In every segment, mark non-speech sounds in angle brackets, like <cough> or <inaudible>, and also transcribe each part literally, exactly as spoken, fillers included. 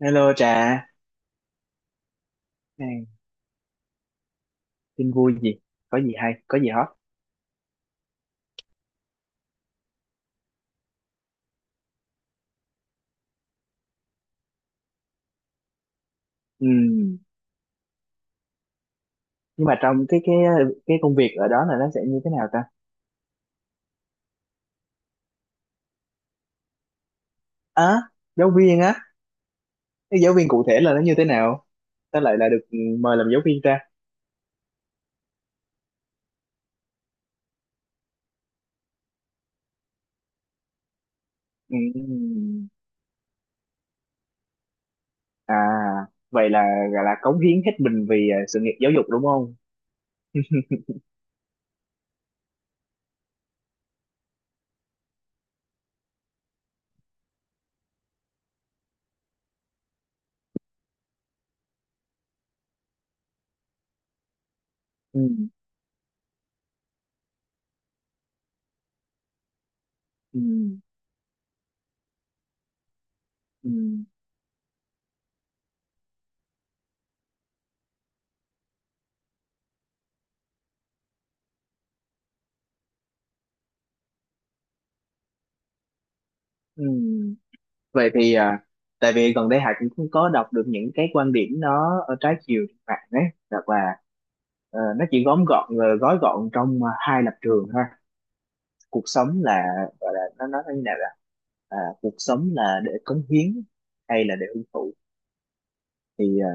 Hello Trà, à, tin vui gì? Có gì hay? Có gì hot? Ừ. Ừ. Nhưng mà trong cái cái cái công việc ở đó là nó sẽ như thế nào ta? À, giáo viên á, cái giáo viên cụ thể là nó như thế nào? Ta lại là được mời làm giáo viên ta. Ừ. À, vậy là gọi là cống hiến hết mình vì à, sự nghiệp giáo dục đúng không? <laughs> Ừ. Ừ. Ừ. Ừ. vậy thì à, tại vì gần đây Hải cũng không có đọc được những cái quan điểm nó ở trái chiều trên mạng ấy, hoặc là ờ, nó chỉ gom gọn ờ, gói gọn trong à, hai lập trường thôi. Cuộc sống là, gọi là, nó nói như nào là, à, cuộc sống là để cống hiến hay là để hưởng thụ? thì à,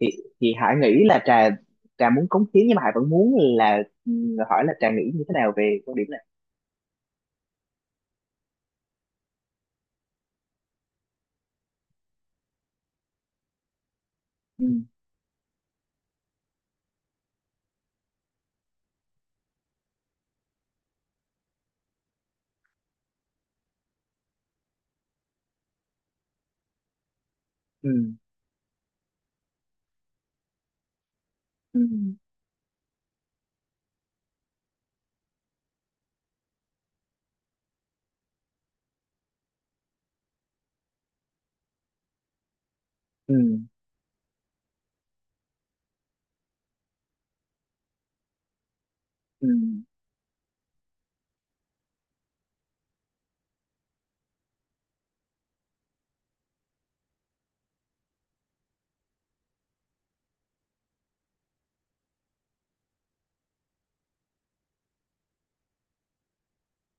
thì thì Hải nghĩ là Trà Trà muốn cống hiến, nhưng mà Hải vẫn muốn là, ừ, hỏi là Trà nghĩ như thế nào về quan điểm này. Ừ. Ừ. Ừ. Ừ. Ừ. Ừ.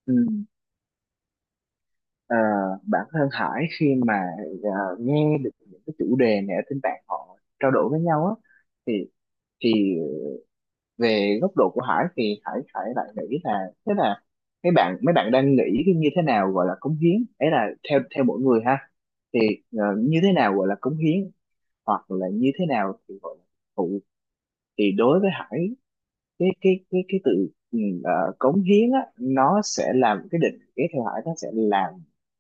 Ừ. Ờ, bản thân Hải khi mà ờ, nghe được những cái chủ đề này ở trên mạng họ trao đổi với nhau á, thì thì về góc độ của Hải thì Hải Hải lại nghĩ là thế là mấy bạn mấy bạn đang nghĩ cái như thế nào gọi là cống hiến ấy là theo theo mỗi người ha. Thì ờ, như thế nào gọi là cống hiến, hoặc là như thế nào thì gọi là phụ, thì đối với Hải, cái cái cái cái tự, ừ, ờ, cống hiến á, nó sẽ làm cái định nghĩa theo Hải nó sẽ làm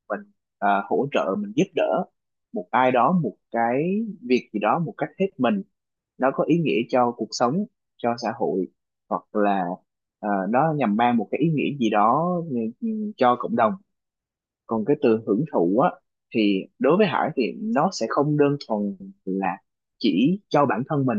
mình ờ, hỗ trợ mình, giúp đỡ một ai đó, một cái việc gì đó một cách hết mình, nó có ý nghĩa cho cuộc sống, cho xã hội, hoặc là ờ, nó nhằm mang một cái ý nghĩa gì đó, ừ, ừ, cho cộng đồng. Còn cái từ hưởng thụ á, thì đối với Hải thì nó sẽ không đơn thuần là chỉ cho bản thân mình.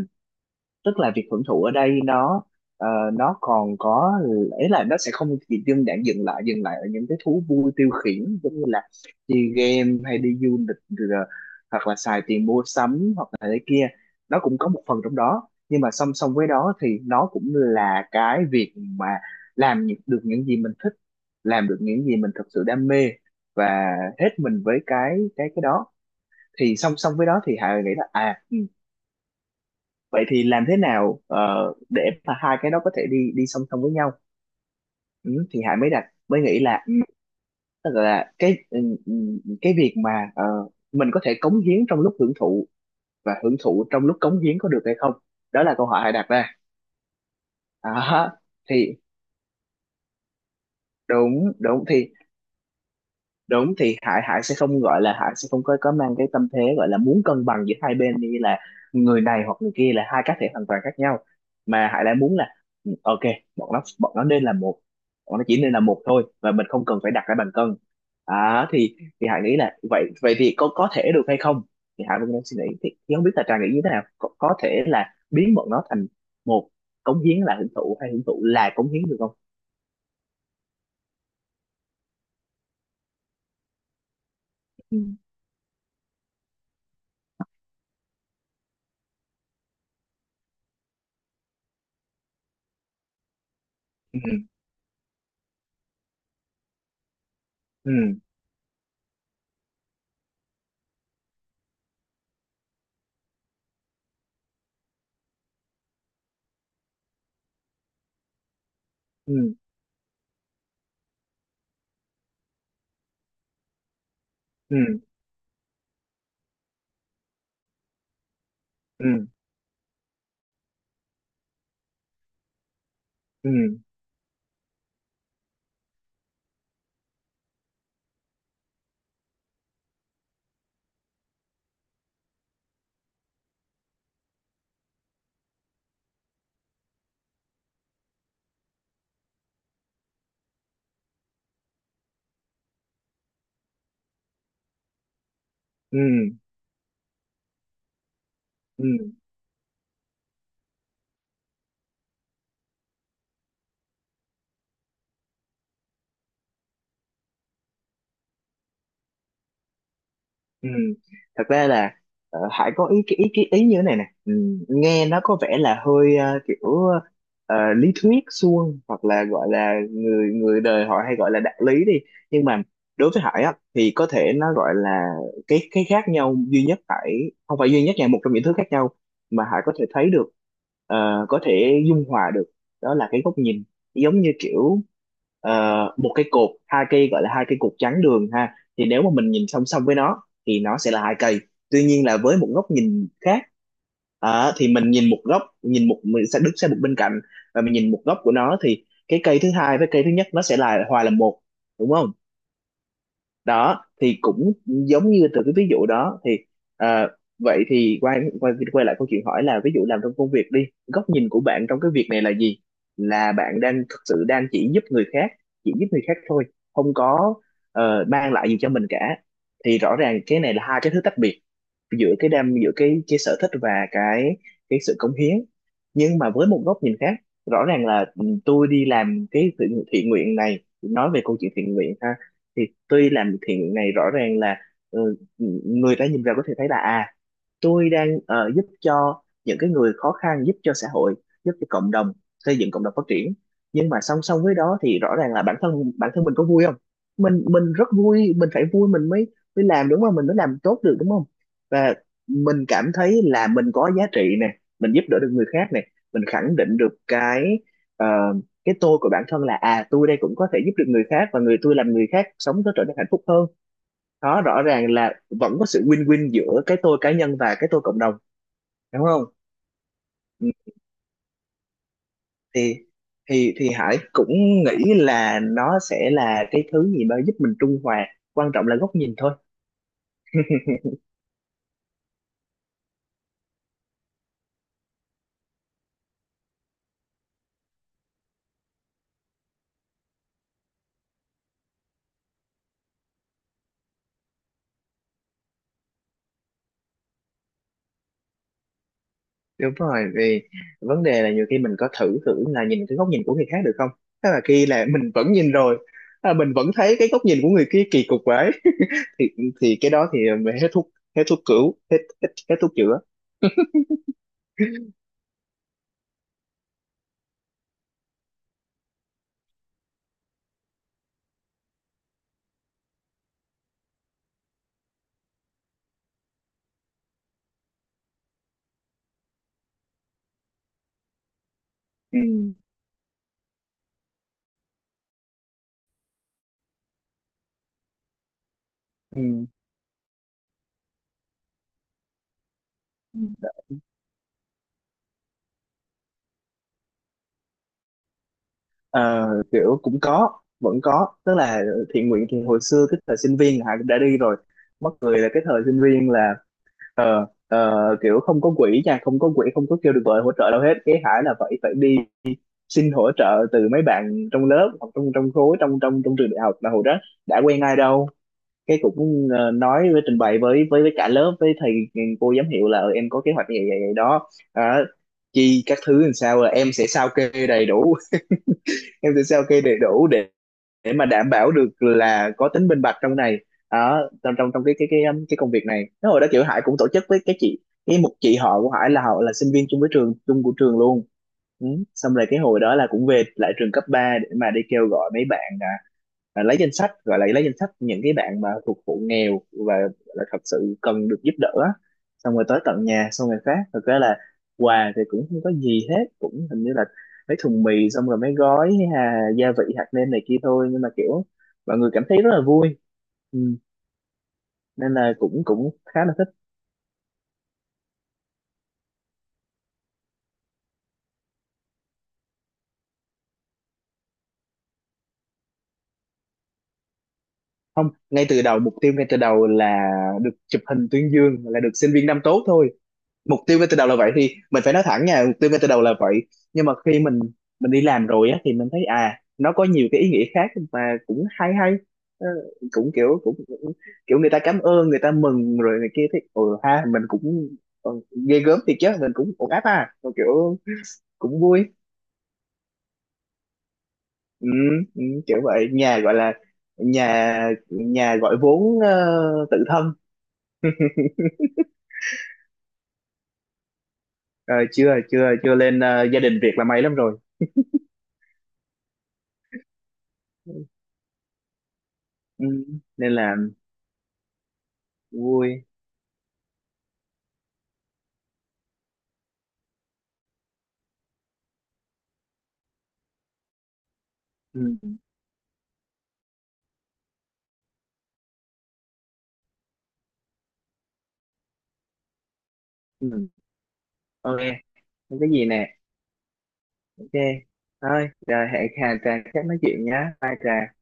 Tức là việc hưởng thụ ở đây nó ờ, nó còn có, ấy là nó sẽ không chỉ đơn giản dừng lại dừng lại ở những cái thú vui tiêu khiển, giống như là chơi game hay đi du lịch rồi, hoặc là xài tiền mua sắm, hoặc là thế kia. Nó cũng có một phần trong đó, nhưng mà song song với đó thì nó cũng là cái việc mà làm những- được những gì mình thích, làm được những gì mình thật sự đam mê và hết mình với cái cái cái đó. Thì song song với đó thì Hà nghĩ là à ừ, vậy thì làm thế nào ờ, để mà hai cái đó có thể đi đi song song với nhau. Ừ, thì Hải mới đặt mới nghĩ là, Ừ. tức là cái, ừ, ừ, cái việc mà ờ, mình có thể cống hiến trong lúc hưởng thụ và hưởng thụ trong lúc cống hiến, có được hay không? Đó là câu hỏi Hải đặt ra. Đó. Thì đúng đúng thì đúng thì Hải Hải sẽ không gọi là, Hải sẽ không có có mang cái tâm thế gọi là muốn cân bằng giữa hai bên, như là người này hoặc người kia là hai cá thể hoàn toàn khác nhau, mà Hải lại muốn là, ừ, ok, bọn nó bọn nó nên là một, bọn nó chỉ nên là một thôi, và mình không cần phải đặt ra bàn cân. À, thì thì Hải nghĩ là vậy, vậy thì có có thể được hay không, thì Hải vẫn đang suy nghĩ. Thì, thì không biết là Trà nghĩ như thế nào, có, có thể là biến bọn nó thành một, cống hiến là hưởng thụ hay hưởng thụ là cống hiến, được không? Ừ. Ừ. Ừ. Ừ. Ừ. Ừ. Ừ. Ừ, ừ. Ừ. Thật ra là ờ, Hải có ý cái ý cái ý như thế này nè. Ừ. Nghe nó có vẻ là hơi ờ, kiểu ờ, lý thuyết suông, hoặc là gọi là người người đời họ hay gọi là đạo lý đi, nhưng mà đối với Hải á thì có thể nó gọi là cái cái khác nhau duy nhất Hải, không phải duy nhất nha, một trong những thứ khác nhau mà Hải có thể thấy được ờ, có thể dung hòa được, đó là cái góc nhìn. Giống như kiểu ờ, một cái cột, hai cây, gọi là hai cây cột trắng đường ha, thì nếu mà mình nhìn song song với nó thì nó sẽ là hai cây. Tuy nhiên là với một góc nhìn khác, Ờ, thì mình nhìn một góc, nhìn một mình sẽ đứng sang một bên cạnh, và mình nhìn một góc của nó thì cái cây thứ hai với cây thứ nhất nó sẽ là hòa là một, đúng không? Đó thì cũng giống như từ cái ví dụ đó thì ờ, vậy thì quay quay quay lại câu chuyện, hỏi là ví dụ làm trong công việc đi, góc nhìn của bạn trong cái việc này là gì? Là bạn đang thực sự đang chỉ giúp người khác, chỉ giúp người khác thôi, không có ờ, mang lại gì cho mình cả, thì rõ ràng cái này là hai cái thứ tách biệt giữa cái đam giữa cái cái sở thích và cái cái sự cống hiến. Nhưng mà với một góc nhìn khác, rõ ràng là, ừ, tôi đi làm cái thiện, thiện nguyện này, nói về câu chuyện thiện nguyện ha, thì tôi làm thiện nguyện này rõ ràng là, ừ, người ta nhìn vào có thể thấy là à, tôi đang ờ, giúp cho những cái người khó khăn, giúp cho xã hội, giúp cho cộng đồng, xây dựng cộng đồng phát triển. Nhưng mà song song với đó thì rõ ràng là bản thân bản thân mình có vui không? Mình mình rất vui, mình phải vui mình mới, mới làm đúng không, mình mới làm tốt được đúng không? Và mình cảm thấy là mình có giá trị nè, mình giúp đỡ được người khác nè, mình khẳng định được cái ờ, cái tôi của bản thân là, à tôi đây cũng có thể giúp được người khác, và người tôi làm người khác sống có trở nên hạnh phúc hơn. Đó, rõ ràng là vẫn có sự win-win giữa cái tôi cá nhân và cái tôi cộng đồng, đúng không? Ừ, thì thì thì Hải cũng nghĩ là nó sẽ là cái thứ gì đó giúp mình trung hòa, quan trọng là góc nhìn thôi. Đúng rồi, vì vấn đề là nhiều khi mình có thử thử là nhìn cái góc nhìn của người khác được không, tức là khi là mình vẫn nhìn rồi, à, mình vẫn thấy cái góc nhìn của người kia kỳ cục quá, <laughs> thì thì cái đó thì mình hết thuốc, hết thuốc cứu, hết hết, hết thuốc chữa. Ừ. Ừ. Ờ, kiểu cũng có, vẫn có, tức là thiện nguyện thì hồi xưa cái thời sinh viên Hải cũng đã đi rồi. Mắc cười là cái thời sinh viên là ờ, ờ, kiểu không có quỹ nha, không có quỹ, không có kêu được gọi hỗ trợ đâu hết, cái Hải là phải phải đi xin hỗ trợ từ mấy bạn trong lớp, hoặc trong trong khối, trong trong trong trường đại học, mà hồi đó đã quen ai đâu. Cái cũng ờ, nói với trình bày với với với cả lớp, với thầy cô giám hiệu là "Ờ, em có kế hoạch như vậy vậy, vậy đó. Đó, chi các thứ làm sao, là em sẽ sao kê đầy đủ, <laughs> em sẽ sao kê đầy đủ để để mà đảm bảo được là có tính minh bạch trong này, ở trong trong trong cái cái cái um, cái công việc này." Nó hồi đó kiểu Hải cũng tổ chức với cái chị cái một chị họ của Hải, là họ là sinh viên chung với trường, chung của trường luôn. Ừ. Xong rồi cái hồi đó là cũng về lại trường cấp ba để mà đi kêu gọi mấy bạn, à, lấy danh sách, gọi là lấy danh sách những cái bạn mà thuộc hộ nghèo và là thật sự cần được giúp đỡ á. Xong rồi tới tận nhà xong rồi phát, thực ra là quà thì cũng không có gì hết, cũng hình như là mấy thùng mì, xong rồi mấy gói à, gia vị hạt nêm này kia thôi, nhưng mà kiểu mọi người cảm thấy rất là vui. Ừ. Nên là cũng cũng khá là thích. Không, ngay từ đầu, mục tiêu ngay từ đầu là được chụp hình tuyên dương, là được sinh viên năm tốt thôi. Mục tiêu ngay từ đầu là vậy, thì mình phải nói thẳng nha, mục tiêu ngay từ đầu là vậy. Nhưng mà khi mình mình đi làm rồi á, thì mình thấy à nó có nhiều cái ý nghĩa khác mà cũng hay hay. Ờ, cũng kiểu cũng kiểu người ta cảm ơn, người ta mừng rồi này kia, thấy ừ ha, mình cũng ờ, ghê gớm thiệt chứ, mình cũng ổn áp ha. Rồi kiểu cũng vui. ừ, ừ, Kiểu vậy, nhà gọi là nhà nhà gọi vốn ờ, tự thân. Ờ, chưa chưa chưa lên, ờ, gia đình Việt là may lắm rồi. Ừ, nên là vui. Ừ. Ừ. Ok. Không có gì nè. Ok, thôi rồi hẹn Hà trà chắc nói chuyện nhá, bye trà.